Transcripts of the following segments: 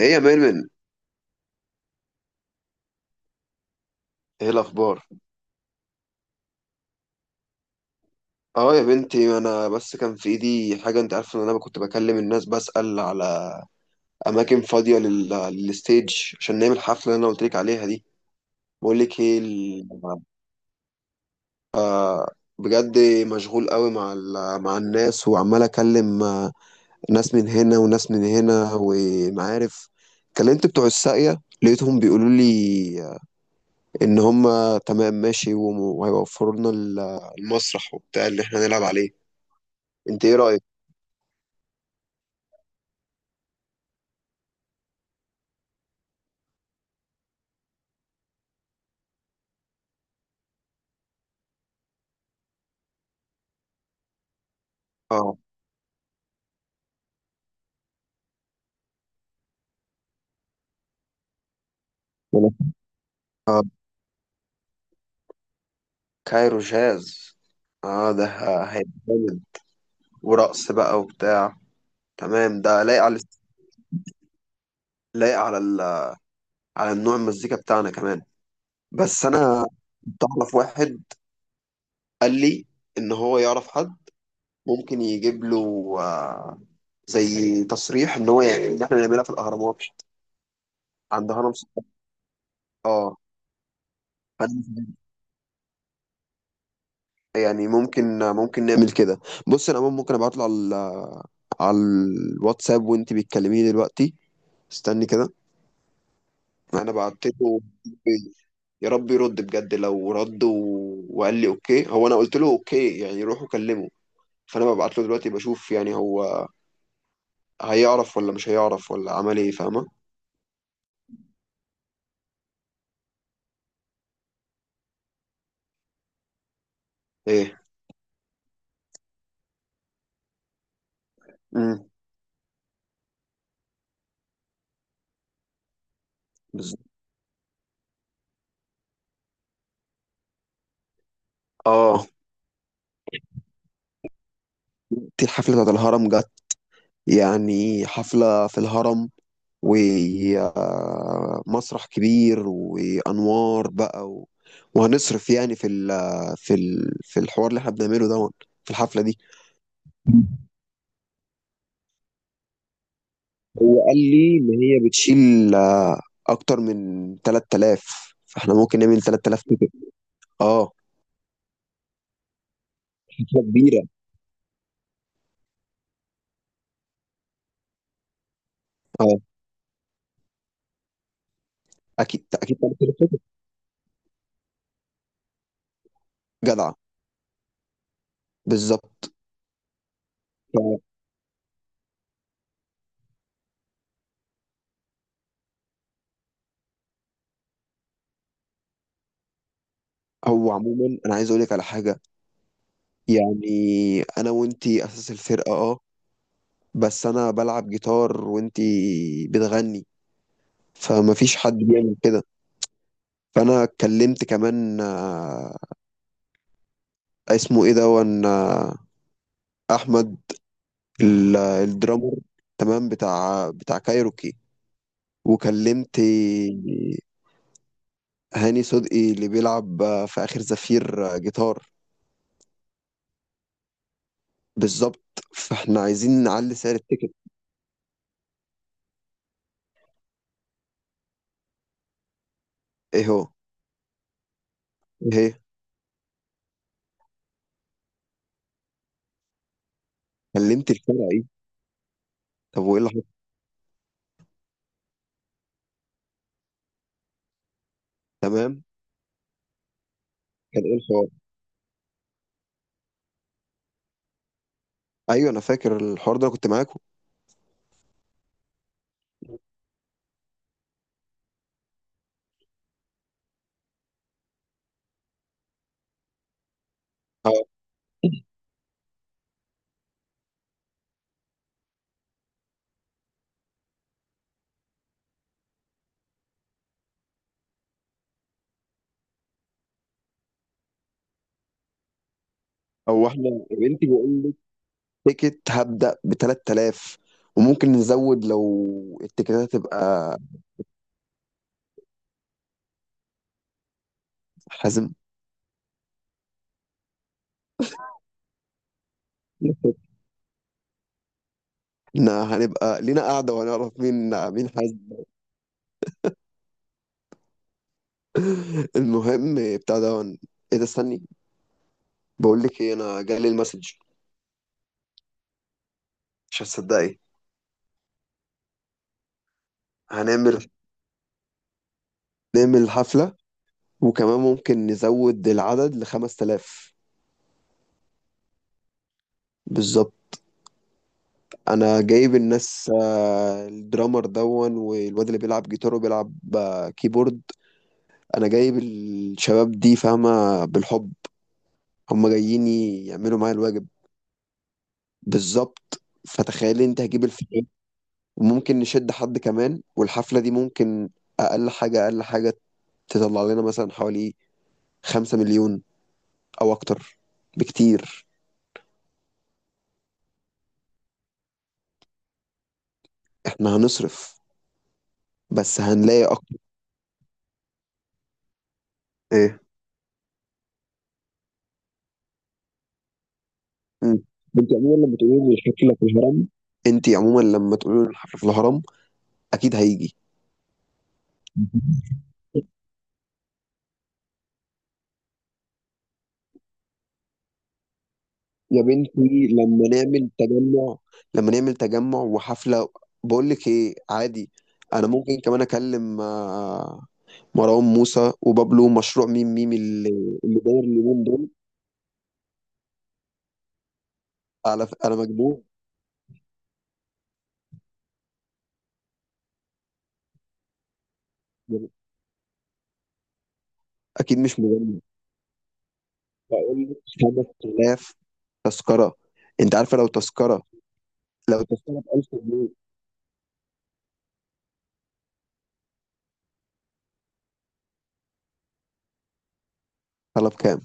ايه يا ميرمن؟ ايه الاخبار؟ اه يا بنتي، انا بس كان في ايدي حاجه، انت عارفه ان انا كنت بكلم الناس بسأل على اماكن فاضيه للستيج عشان نعمل الحفله اللي انا قلت لك عليها دي. بقول لك ايه ال- بجد مشغول قوي مع مع الناس، وعمال اكلم ناس من هنا وناس من هنا ومعارف. كلمت بتوع الساقيه، لقيتهم بيقولوا لي ان هم تمام ماشي، وهيوفروا لنا المسرح وبتاع اللي احنا نلعب عليه. انت ايه رأيك؟ اه، كايرو جاز. اه ده هيبقى جامد ورقص بقى وبتاع. تمام، ده لايق على لايق على ال... على النوع المزيكا بتاعنا كمان. بس انا كنت اعرف واحد قال لي ان هو يعرف حد ممكن يجيب له زي تصريح ان هو يعني ان احنا نعملها في الاهرامات عند هرم سقط. اه، فأنا يعني ممكن نعمل كده. بص، انا عموماً ممكن ابعت له على على الواتساب وانت بتكلميه دلوقتي. استني كده. انا بعت له. يا رب يرد بجد. لو رد وقال لي اوكي، هو انا قلت له اوكي يعني روح وكلمه. فانا ببعت له دلوقتي بشوف يعني هو هيعرف ولا مش هيعرف ولا عمل ايه، فاهمه؟ ايه. امم بز... اه، دي الحفله بتاعت الهرم جت، يعني حفله في الهرم ومسرح كبير وانوار بقى وهنصرف يعني في الحوار اللي احنا بنعمله ده، في الحفله دي. هو قال لي ان هي بتشيل اكتر من 3000، فاحنا ممكن نعمل 3000 تيكت. اه، حفله كبيره. اه اكيد اكيد 3000 تيكت. جدعه، بالظبط. فهو عموما انا عايز اقول لك على حاجه، يعني انا وانتي اساس الفرقه، اه، بس انا بلعب جيتار وانتي بتغني، فما فيش حد بيعمل كده. فانا اتكلمت كمان، اسمه ايه ده، احمد، الدرامر، تمام، بتاع كايروكي. وكلمت هاني صدقي اللي بيلعب في آخر زفير جيتار. بالظبط، فاحنا عايزين نعلي سعر التيكت. ايه هو؟ ايه هي؟ كلمت الفرعي. طب وايه اللي حصل؟ تمام، كان ايه الحوار؟ ايوه انا فاكر الحوار ده، انا كنت معاكم. اه، هو احنا، بنتي، بقول لك تيكت هبدأ ب 3000، وممكن نزود لو التيكتات تبقى. حازم؟ احنا هنبقى لينا قاعدة وهنعرف مين مين حازم. المهم بتاع ده. ايه ده؟ استني، بقول لك ايه، انا جالي المسج، مش هتصدقي. هنعمل نعمل حفلة، وكمان ممكن نزود العدد ل 5000. بالظبط، انا جايب الناس، الدرامر دون، والواد اللي بيلعب جيتار وبيلعب كيبورد. انا جايب الشباب دي، فاهمة، بالحب. هم جايين يعملوا معايا الواجب. بالظبط، فتخيلي انت، هجيب الفريق وممكن نشد حد كمان، والحفلة دي ممكن اقل حاجة اقل حاجة تطلع لنا مثلا حوالي 5 مليون او اكتر بكتير. احنا هنصرف بس هنلاقي اكتر. ايه. مم. انت عموما لما تقولي لي الحفله في الهرم، انت عموما لما تقولي لي الحفله في الهرم اكيد هيجي. يا بنتي لما نعمل تجمع، وحفله. بقول لك ايه، عادي. انا ممكن كمان اكلم، مروان موسى وبابلو مشروع ميم ميم، اللي داير اليومين دول. انا مجنون. اكيد مش مجنون. بقول لك 5000 تذكرة. انت عارفة لو تذكرة لو تذكرة ب 1000 جنيه. طلب كام؟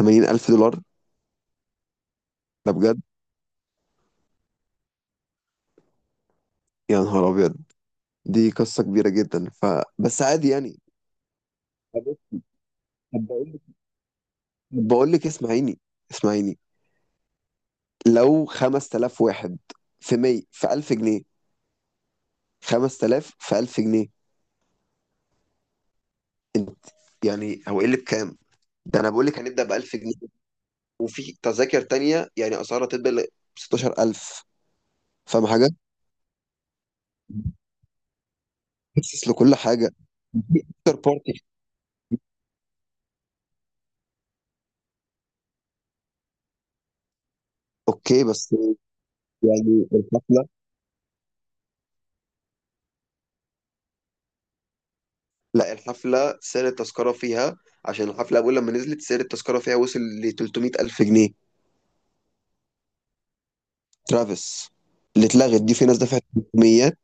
80000 دولار. ده بجد. يا نهار ابيض. دي قصة كبيرة جدا، بس عادي يعني. طب، طب بقول لك طب بقول لك، اسمعيني، اسمعيني، لو 5000 واحد في 100 في 1000 جنيه، 5000 في 1000 جنيه. انت؟ يعني هو ايه اللي بكام؟ ده انا بقول لك هنبدأ ب 1000 جنيه، وفي تذاكر تانية يعني اسعارها تبدأ ل 16000. فاهم حاجة؟ مخصص لكل حاجه، في افتر بارتي. اوكي بس يعني الحفله، لا الحفله سعر التذكره فيها، عشان الحفله اول لما نزلت سعر التذكره فيها وصل ل 300 الف جنيه. ترافيس اللي اتلغت دي في ناس دفعت 300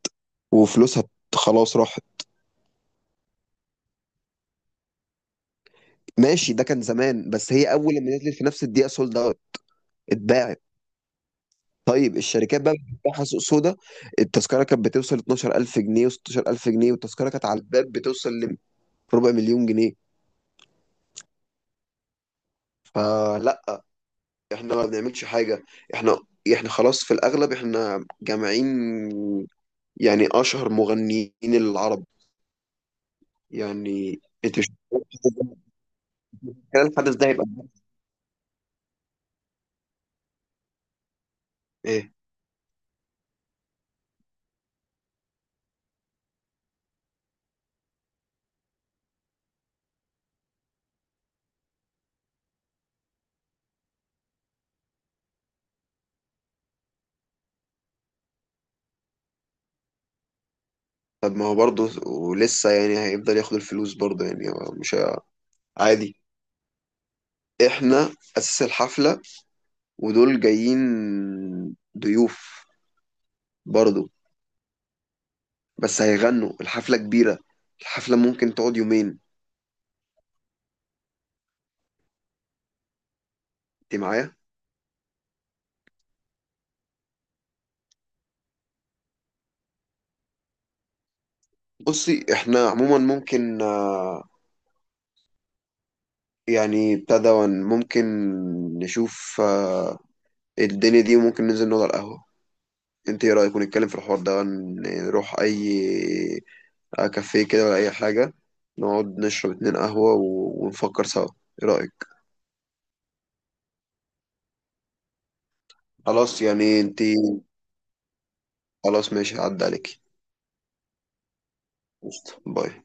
وفلوسها خلاص راحت. ماشي، ده كان زمان، بس هي اول لما نزلت في نفس الدقيقه سولد اوت، اتباعت. طيب الشركات بقى بتفتحها سوق سودا. التذكره كانت بتوصل 12000 جنيه و16000 جنيه، والتذكره كانت على الباب بتوصل لربع مليون جنيه. فلا، احنا ما بنعملش حاجة. احنا احنا خلاص في الأغلب احنا جامعين، يعني أشهر مغنيين العرب. يعني انت مش، كان الحدث ده هيبقى ايه. طب ما هو برضه ولسه يعني هيفضل ياخد الفلوس برضه، يعني هو مش عادي. احنا أساس الحفلة، ودول جايين ضيوف برضه، بس هيغنوا، الحفلة كبيرة، الحفلة ممكن تقعد يومين. انت معايا؟ بصي، احنا عموما ممكن، يعني ابتدى ممكن نشوف، الدنيا دي، وممكن ننزل نقعد على القهوة. انت ايه رأيك؟ ونتكلم في الحوار ده، نروح اي، كافيه كده ولا اي حاجة، نقعد نشرب اتنين قهوة ونفكر سوا. ايه رأيك؟ خلاص يعني انت خلاص ماشي عدى عليكي. قشطة. باي.